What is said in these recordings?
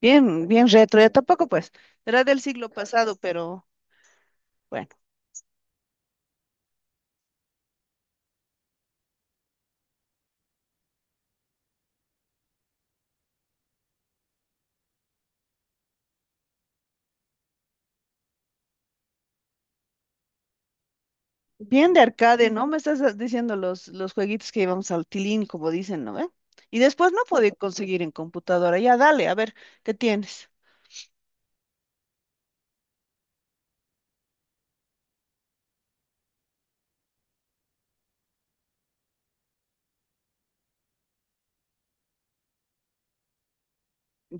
Bien, bien retro, ya tampoco pues, era del siglo pasado, pero bueno, bien de arcade, ¿no? Me estás diciendo los jueguitos que íbamos al tilín, como dicen, ¿no ve? Y después no podía conseguir en computadora, ya dale, a ver, ¿qué tienes?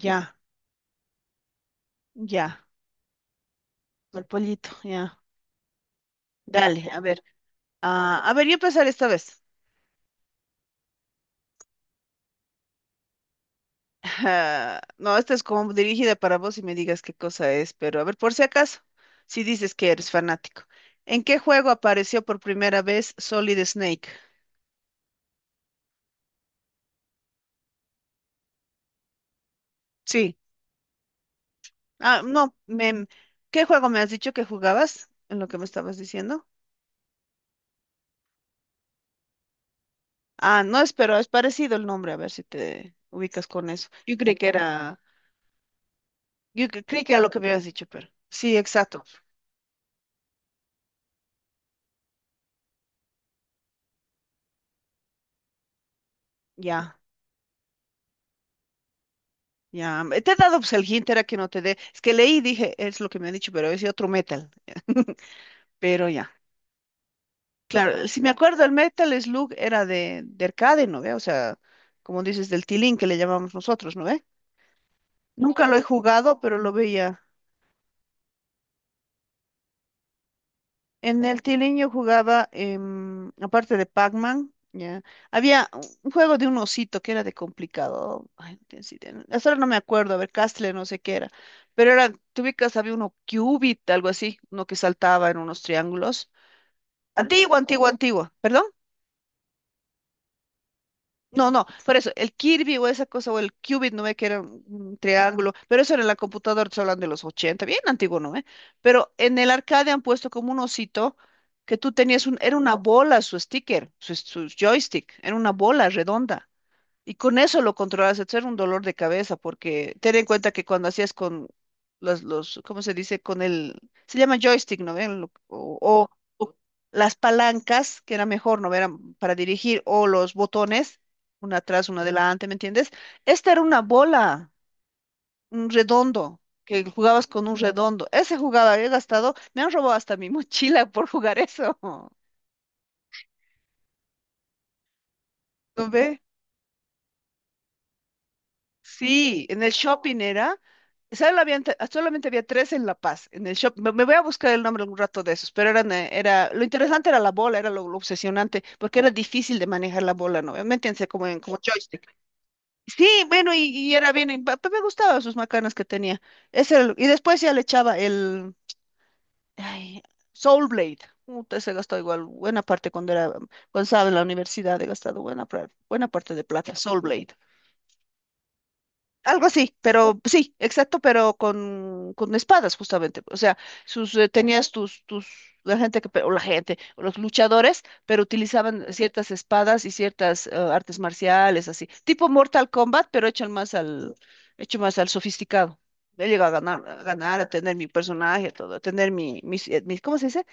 Ya, ya, el pollito, ya, dale, a ver, a ver, yo empezar esta vez. Ajá. No, esta es como dirigida para vos y me digas qué cosa es, pero a ver, por si acaso, si dices que eres fanático. ¿En qué juego apareció por primera vez Solid Snake? Sí. Ah, no, me, ¿Qué juego me has dicho que jugabas en lo que me estabas diciendo? Ah, no, es, pero es parecido el nombre, a ver si te ubicas con eso. Yo creí que era, yo cre- Creí que era lo que me habías dicho, pero sí, exacto. Ya, ya. Te he dado pues el hint, era que no te dé. Es que leí y dije, es lo que me han dicho, pero es otro metal. Pero ya, claro, si me acuerdo, el Metal Slug era de arcade, ¿no ve? O sea, como dices, del tilín que le llamamos nosotros, ¿no ve? Nunca lo he jugado, pero lo veía. En el tilín yo jugaba, aparte de Pac-Man, ya. Había un juego de un osito que era de complicado. Ay, no tienes idea, hasta ahora no me acuerdo, a ver, Castle, no sé qué era. Pero era, tú ubicas, había uno Cubit, algo así, uno que saltaba en unos triángulos. Antigua, antigua, antigua, ¿perdón? No, no, por eso, el Kirby o esa cosa, o el Qubit, no ve que era un triángulo, pero eso era en la computadora, estoy hablando de los 80, bien antiguo, ¿no ve? Pero en el arcade han puesto como un osito que tú tenías un, era una bola su sticker, su joystick, era una bola redonda. Y con eso lo controlabas, eso era un dolor de cabeza, porque ten en cuenta que cuando hacías con los, ¿cómo se dice? Con el, se llama joystick, ¿no ven? O las palancas, que era mejor, ¿no ven? Eran para dirigir, o los botones, una atrás, una adelante, ¿me entiendes? Esta era una bola, un redondo, que jugabas con un redondo. Ese jugaba, he gastado, me han robado hasta mi mochila por jugar eso, ¿no ve? Sí, en el shopping era. Solo solamente había tres en La Paz, en el shopping. Me voy a buscar el nombre algún rato de esos, pero lo interesante era la bola, era lo obsesionante, porque era difícil de manejar la bola, ¿no? Métanse como en, como joystick. Sí, bueno, y era bien, y me gustaban sus macanas que tenía. Y después ya le echaba el ay, Soul Blade. Puta, se gastó igual buena parte cuando era, cuando estaba en la universidad, he gastado buena parte de plata, Soul Blade. Algo así, pero sí, exacto, pero con espadas justamente. O sea, sus tenías tus la gente que pe- o la gente o los luchadores, pero utilizaban ciertas espadas y ciertas artes marciales así, tipo Mortal Kombat, pero hecho más al sofisticado. He llegado a ganar, a ganar, a tener mi personaje, a todo, a tener mis, mis, ¿cómo se dice?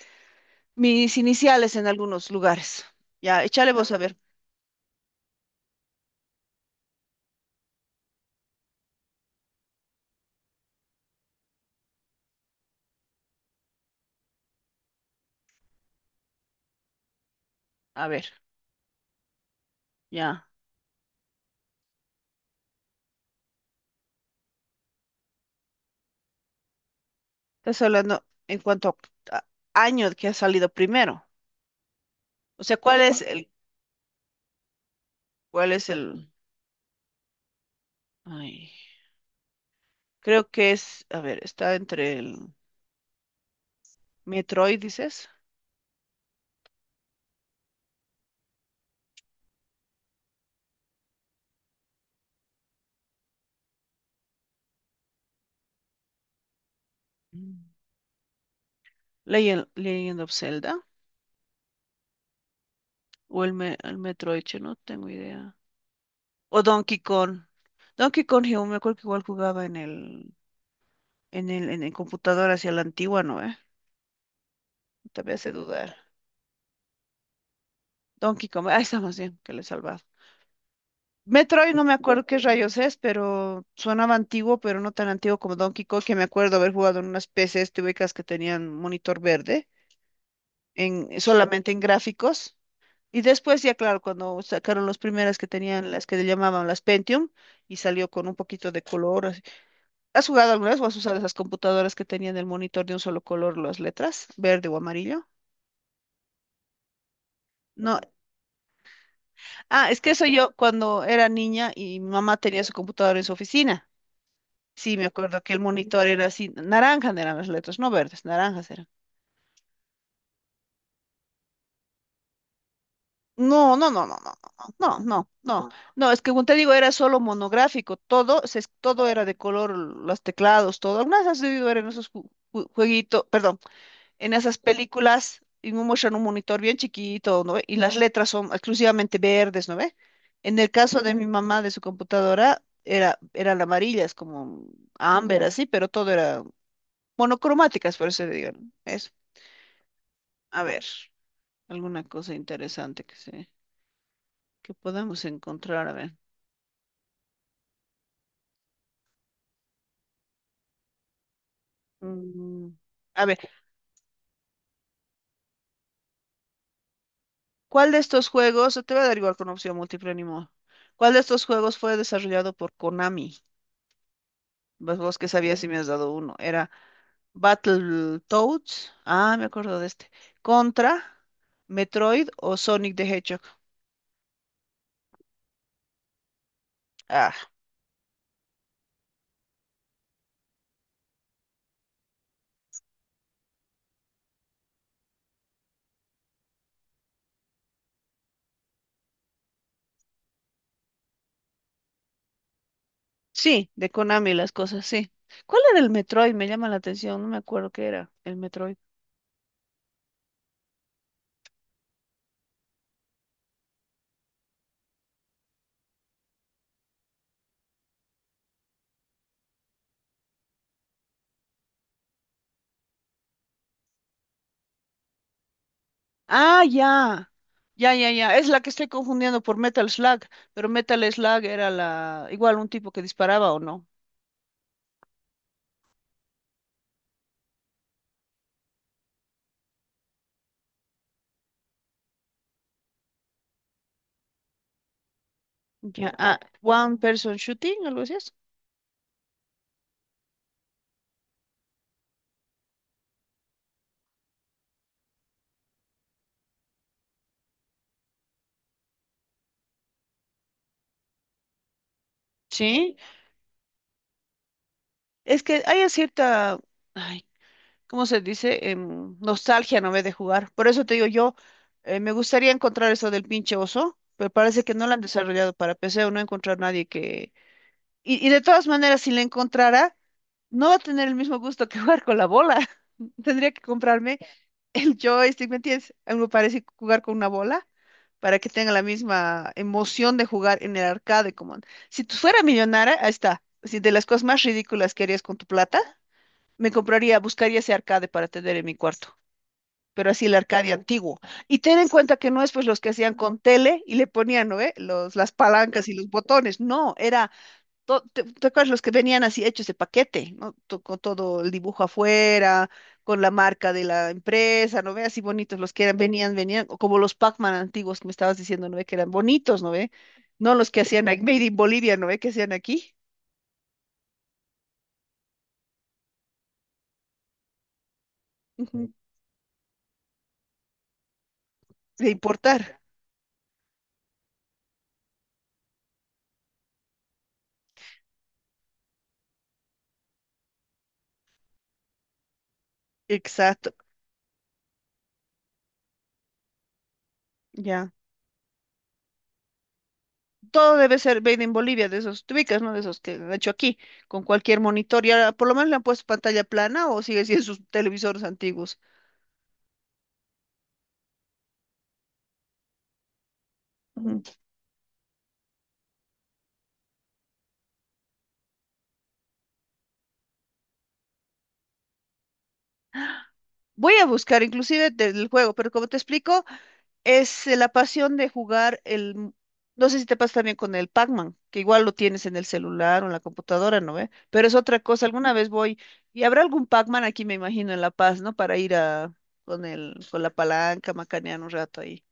Mis iniciales en algunos lugares. Ya, échale vos a ver, ya. Estás hablando en cuanto a a- año que ha salido primero. O sea, ¿cuál es el, ay, creo que es, a ver, está entre el Metroid, dices, Mm. Legend of Zelda, o el Metroid, che, no tengo idea. O Donkey Kong. Donkey Kong, yo me acuerdo que igual jugaba en en el computador hacia la antigua, ¿no? ¿Eh? Te me hace dudar. Donkey Kong, ahí está más bien, que le he salvado. Metroid no me acuerdo qué rayos es, pero sonaba antiguo, pero no tan antiguo como Donkey Kong, que me acuerdo haber jugado en unas PCs tubicas que tenían monitor verde, en, solamente en gráficos. Y después ya, claro, cuando sacaron las primeras que tenían, las que le llamaban las Pentium, y salió con un poquito de color. Así. ¿Has jugado alguna vez o has usado esas computadoras que tenían el monitor de un solo color, las letras, verde o amarillo? No. Ah, es que eso yo cuando era niña y mi mamá tenía su computadora en su oficina. Sí, me acuerdo que el monitor era así, naranja eran las letras, no verdes, naranjas eran. No, no, no, no, no, no, no, no, no, no, es que como te digo, era solo monográfico, todo, todo era de color, los teclados, todo. Algunas has debido ver en esos jueguitos, perdón, en esas películas, y me muestran un monitor bien chiquito, ¿no ve? Y las letras son exclusivamente verdes, ¿no ve? En el caso de mi mamá, de su computadora, eran amarillas, como ámbar, así, pero todo era monocromáticas, por eso digo, ¿no? Eso. A ver, alguna cosa interesante que podamos encontrar. A ver. Mm, a ver, ¿cuál de estos juegos, te voy a dar igual con opción múltiple ni modo. ¿Cuál de estos juegos fue desarrollado por Konami? Pues vos que sabías si me has dado uno. Era Battletoads. Ah, me acuerdo de este. Contra, Metroid o Sonic the Hedgehog. Ah, sí, de Konami las cosas, sí. ¿Cuál era el Metroid? Me llama la atención, no me acuerdo qué era el Metroid. Ah, ya. Ya, ya, ya. Es la que estoy confundiendo por Metal Slug, pero Metal Slug era la igual un tipo que disparaba o no. Ya, ah, One Person Shooting, algo así es. Sí, es que hay cierta, ay, ¿cómo se dice? Nostalgia, no ve de jugar. Por eso te digo yo, me gustaría encontrar eso del pinche oso, pero parece que no lo han desarrollado para PC o no he encontrado nadie que... Y de todas maneras, si la encontrara, no va a tener el mismo gusto que jugar con la bola. Tendría que comprarme el joystick, ¿me entiendes? A mí me parece jugar con una bola para que tenga la misma emoción de jugar en el arcade. Si tú fuera millonaria, ahí está. Si de las cosas más ridículas que harías con tu plata, me compraría, buscaría ese arcade para tener en mi cuarto. Pero así el arcade Ujú antiguo. Y ten en cuenta que no es pues los que hacían con tele y le ponían, ¿no? ¿Eh? Las palancas y los botones. No, era ¿te te acuerdas los que venían así hechos de paquete, ¿no? Con todo el dibujo afuera, con la marca de la empresa, ¿no ve? Así bonitos los que eran, venían, o como los Pac-Man antiguos que me estabas diciendo, ¿no ve? Que eran bonitos, ¿no ve? No los que hacían aquí- Made in Bolivia, ¿no ve? Que hacían aquí, Ujú, de importar. Exacto, ya. Todo debe ser made in Bolivia, de esos, te ¿no? De esos que han hecho aquí, con cualquier monitor. Y ahora, por lo menos le han puesto pantalla plana o sigue siendo sus televisores antiguos. Voy a buscar inclusive del juego, pero como te explico, es la pasión de jugar el... M- no sé si te pasa también con el Pac-Man, que igual lo tienes en el celular o en la computadora, ¿no ve? Pero es otra cosa. Alguna vez voy, y habrá algún Pac-Man aquí, me imagino, en La Paz, ¿no? Para ir a con el, con la palanca, macanear un rato ahí.